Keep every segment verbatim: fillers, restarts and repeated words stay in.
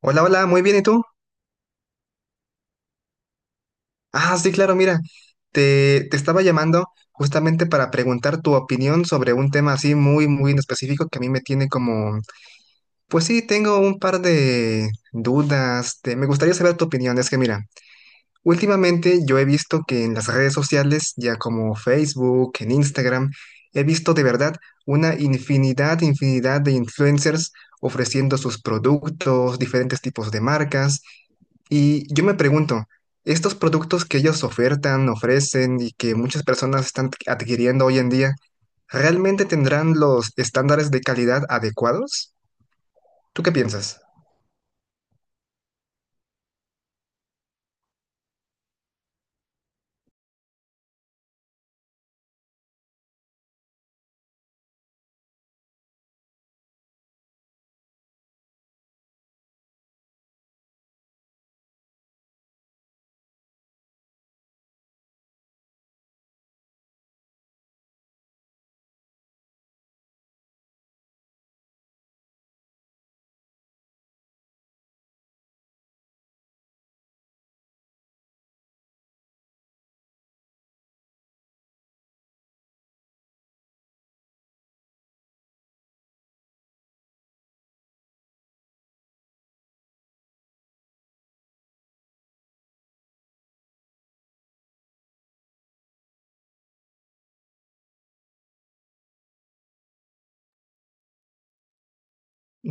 Hola, hola, muy bien, ¿y tú? Ah, sí, claro, mira, te, te estaba llamando justamente para preguntar tu opinión sobre un tema así muy, muy en específico que a mí me tiene como, pues sí, tengo un par de dudas, te- me gustaría saber tu opinión, es que mira. Últimamente yo he visto que en las redes sociales, ya como Facebook, en Instagram, he visto de verdad una infinidad, infinidad de influencers ofreciendo sus productos, diferentes tipos de marcas. Y yo me pregunto, estos productos que ellos ofertan, ofrecen y que muchas personas están adquiriendo hoy en día, ¿realmente tendrán los estándares de calidad adecuados? ¿Tú qué piensas?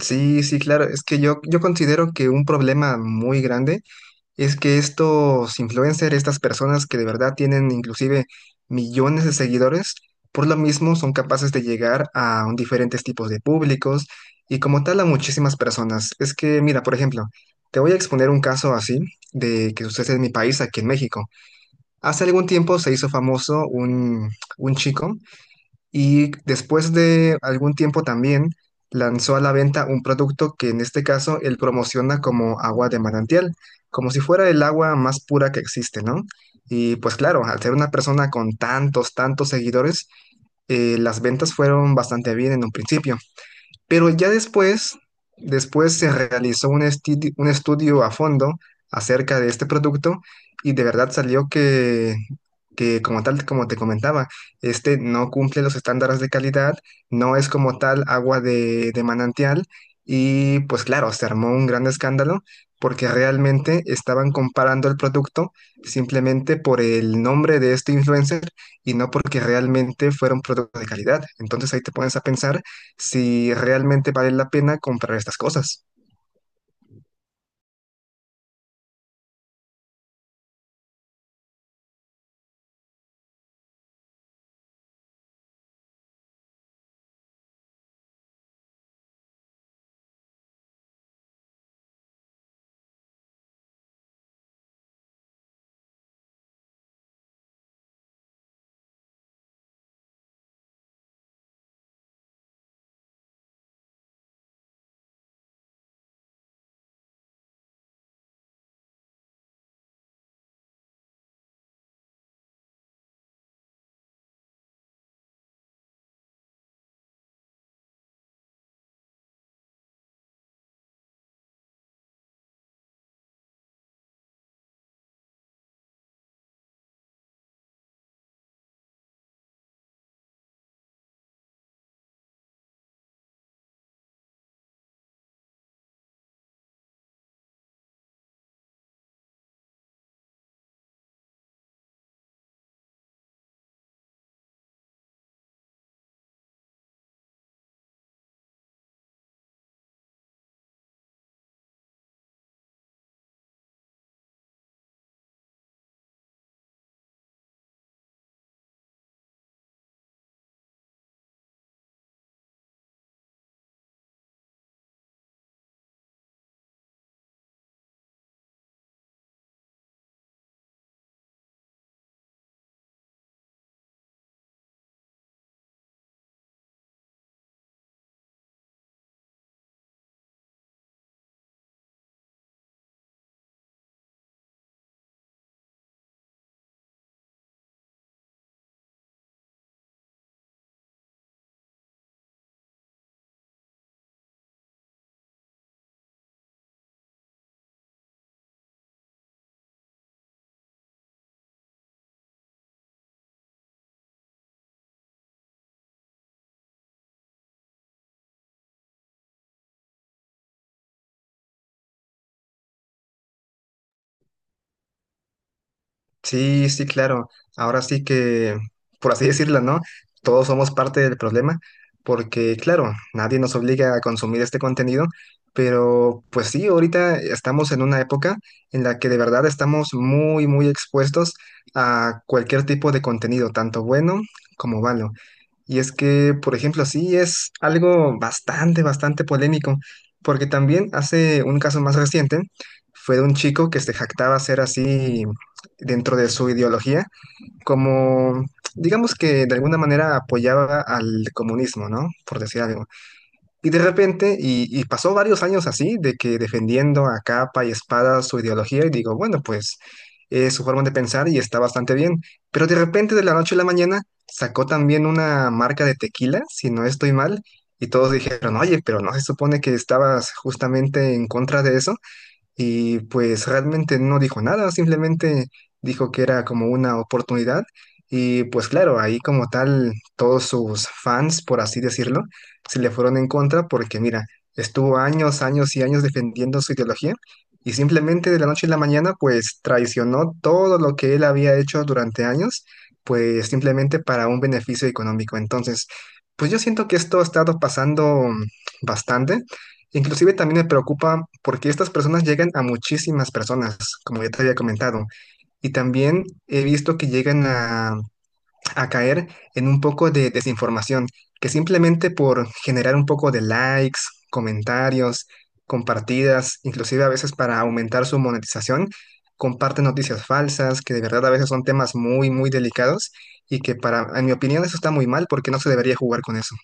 Sí, sí, claro, es que yo, yo considero que un problema muy grande. Es que estos influencers, estas personas que de verdad tienen inclusive millones de seguidores, por lo mismo son capaces de llegar a un diferentes tipos de públicos y como tal a muchísimas personas. Es que, mira, por ejemplo, te voy a exponer un caso así de que sucede en mi país, aquí en México. Hace algún tiempo se hizo famoso un, un chico y después de algún tiempo también lanzó a la venta un producto que en este caso él promociona como agua de manantial, como si fuera el agua más pura que existe, ¿no? Y pues claro, al ser una persona con tantos, tantos seguidores, eh, las ventas fueron bastante bien en un principio. Pero ya después, después se realizó un estudio, un estudio a fondo acerca de este producto y de verdad salió que, que como tal, como te comentaba, este no cumple los estándares de calidad, no es como tal agua de, de manantial y pues claro, se armó un gran escándalo porque realmente estaban comparando el producto simplemente por el nombre de este influencer y no porque realmente fuera un producto de calidad. Entonces ahí te pones a pensar si realmente vale la pena comprar estas cosas. Sí, sí, claro. Ahora sí que, por así decirlo, ¿no? Todos somos parte del problema, porque claro, nadie nos obliga a consumir este contenido, pero pues sí, ahorita estamos en una época en la que de verdad estamos muy, muy expuestos a cualquier tipo de contenido, tanto bueno como malo. Y es que, por ejemplo, sí es algo bastante, bastante polémico, porque también hace un caso más reciente fue de un chico que se jactaba ser así dentro de su ideología, como digamos que de alguna manera apoyaba al comunismo, ¿no? Por decir algo. Y de repente, y, y pasó varios años así, de que defendiendo a capa y espada su ideología, y digo, bueno, pues es su forma de pensar y está bastante bien. Pero de repente, de la noche a la mañana, sacó también una marca de tequila, si no estoy mal, y todos dijeron, oye, pero no se supone que estabas justamente en contra de eso. Y pues realmente no dijo nada, simplemente dijo que era como una oportunidad. Y pues claro, ahí como tal, todos sus fans, por así decirlo, se le fueron en contra porque mira, estuvo años, años y años defendiendo su ideología y simplemente de la noche a la mañana pues traicionó todo lo que él había hecho durante años, pues simplemente para un beneficio económico. Entonces, pues yo siento que esto ha estado pasando mm, bastante. Inclusive también me preocupa porque estas personas llegan a muchísimas personas, como ya te había comentado, y también he visto que llegan a, a caer en un poco de desinformación, que simplemente por generar un poco de likes, comentarios, compartidas, inclusive a veces para aumentar su monetización, comparten noticias falsas, que de verdad a veces son temas muy, muy delicados y que para, en mi opinión, eso está muy mal porque no se debería jugar con eso.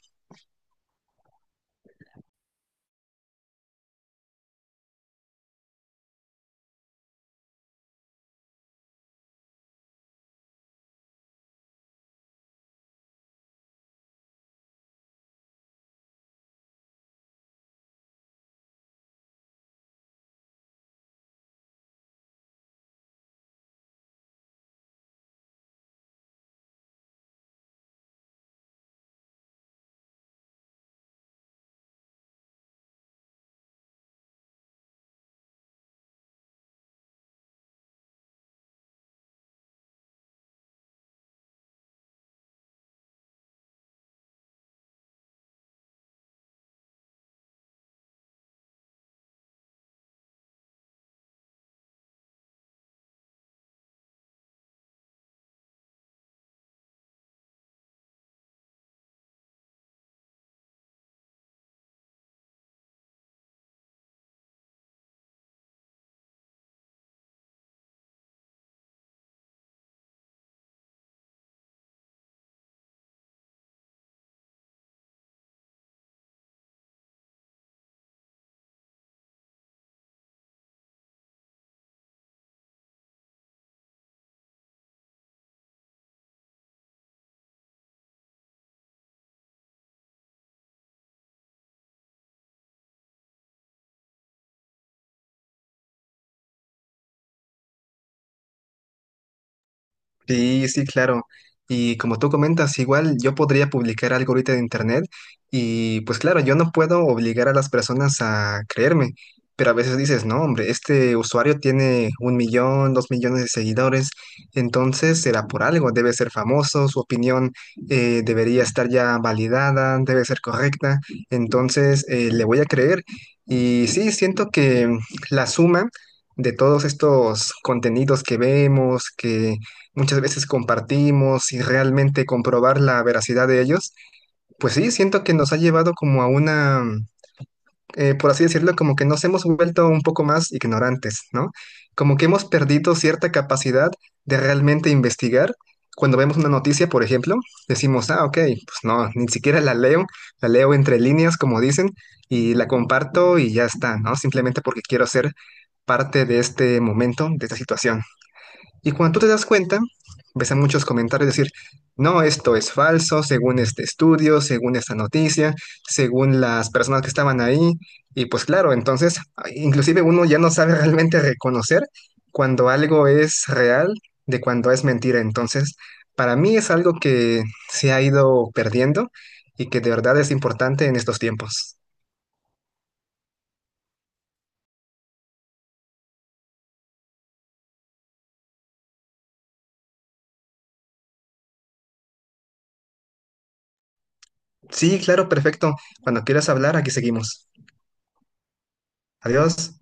Sí, sí, claro. Y como tú comentas, igual yo podría publicar algo ahorita de internet y pues claro, yo no puedo obligar a las personas a creerme, pero a veces dices, no, hombre, este usuario tiene un millón, dos millones de seguidores, entonces será por algo, debe ser famoso, su opinión eh, debería estar ya validada, debe ser correcta, entonces eh, le voy a creer. Y sí, siento que la suma de todos estos contenidos que vemos, que muchas veces compartimos y realmente comprobar la veracidad de ellos, pues sí, siento que nos ha llevado como a una, eh, por así decirlo, como que nos hemos vuelto un poco más ignorantes, ¿no? Como que hemos perdido cierta capacidad de realmente investigar. Cuando vemos una noticia, por ejemplo, decimos, ah, ok, pues no, ni siquiera la leo, la leo entre líneas, como dicen, y la comparto y ya está, ¿no? Simplemente porque quiero ser parte de este momento, de esta situación. Y cuando tú te das cuenta, ves a muchos comentarios decir, no, esto es falso, según este estudio, según esta noticia, según las personas que estaban ahí. Y pues claro, entonces, inclusive uno ya no sabe realmente reconocer cuando algo es real de cuando es mentira. Entonces, para mí es algo que se ha ido perdiendo y que de verdad es importante en estos tiempos. Sí, claro, perfecto. Cuando quieras hablar, aquí seguimos. Adiós.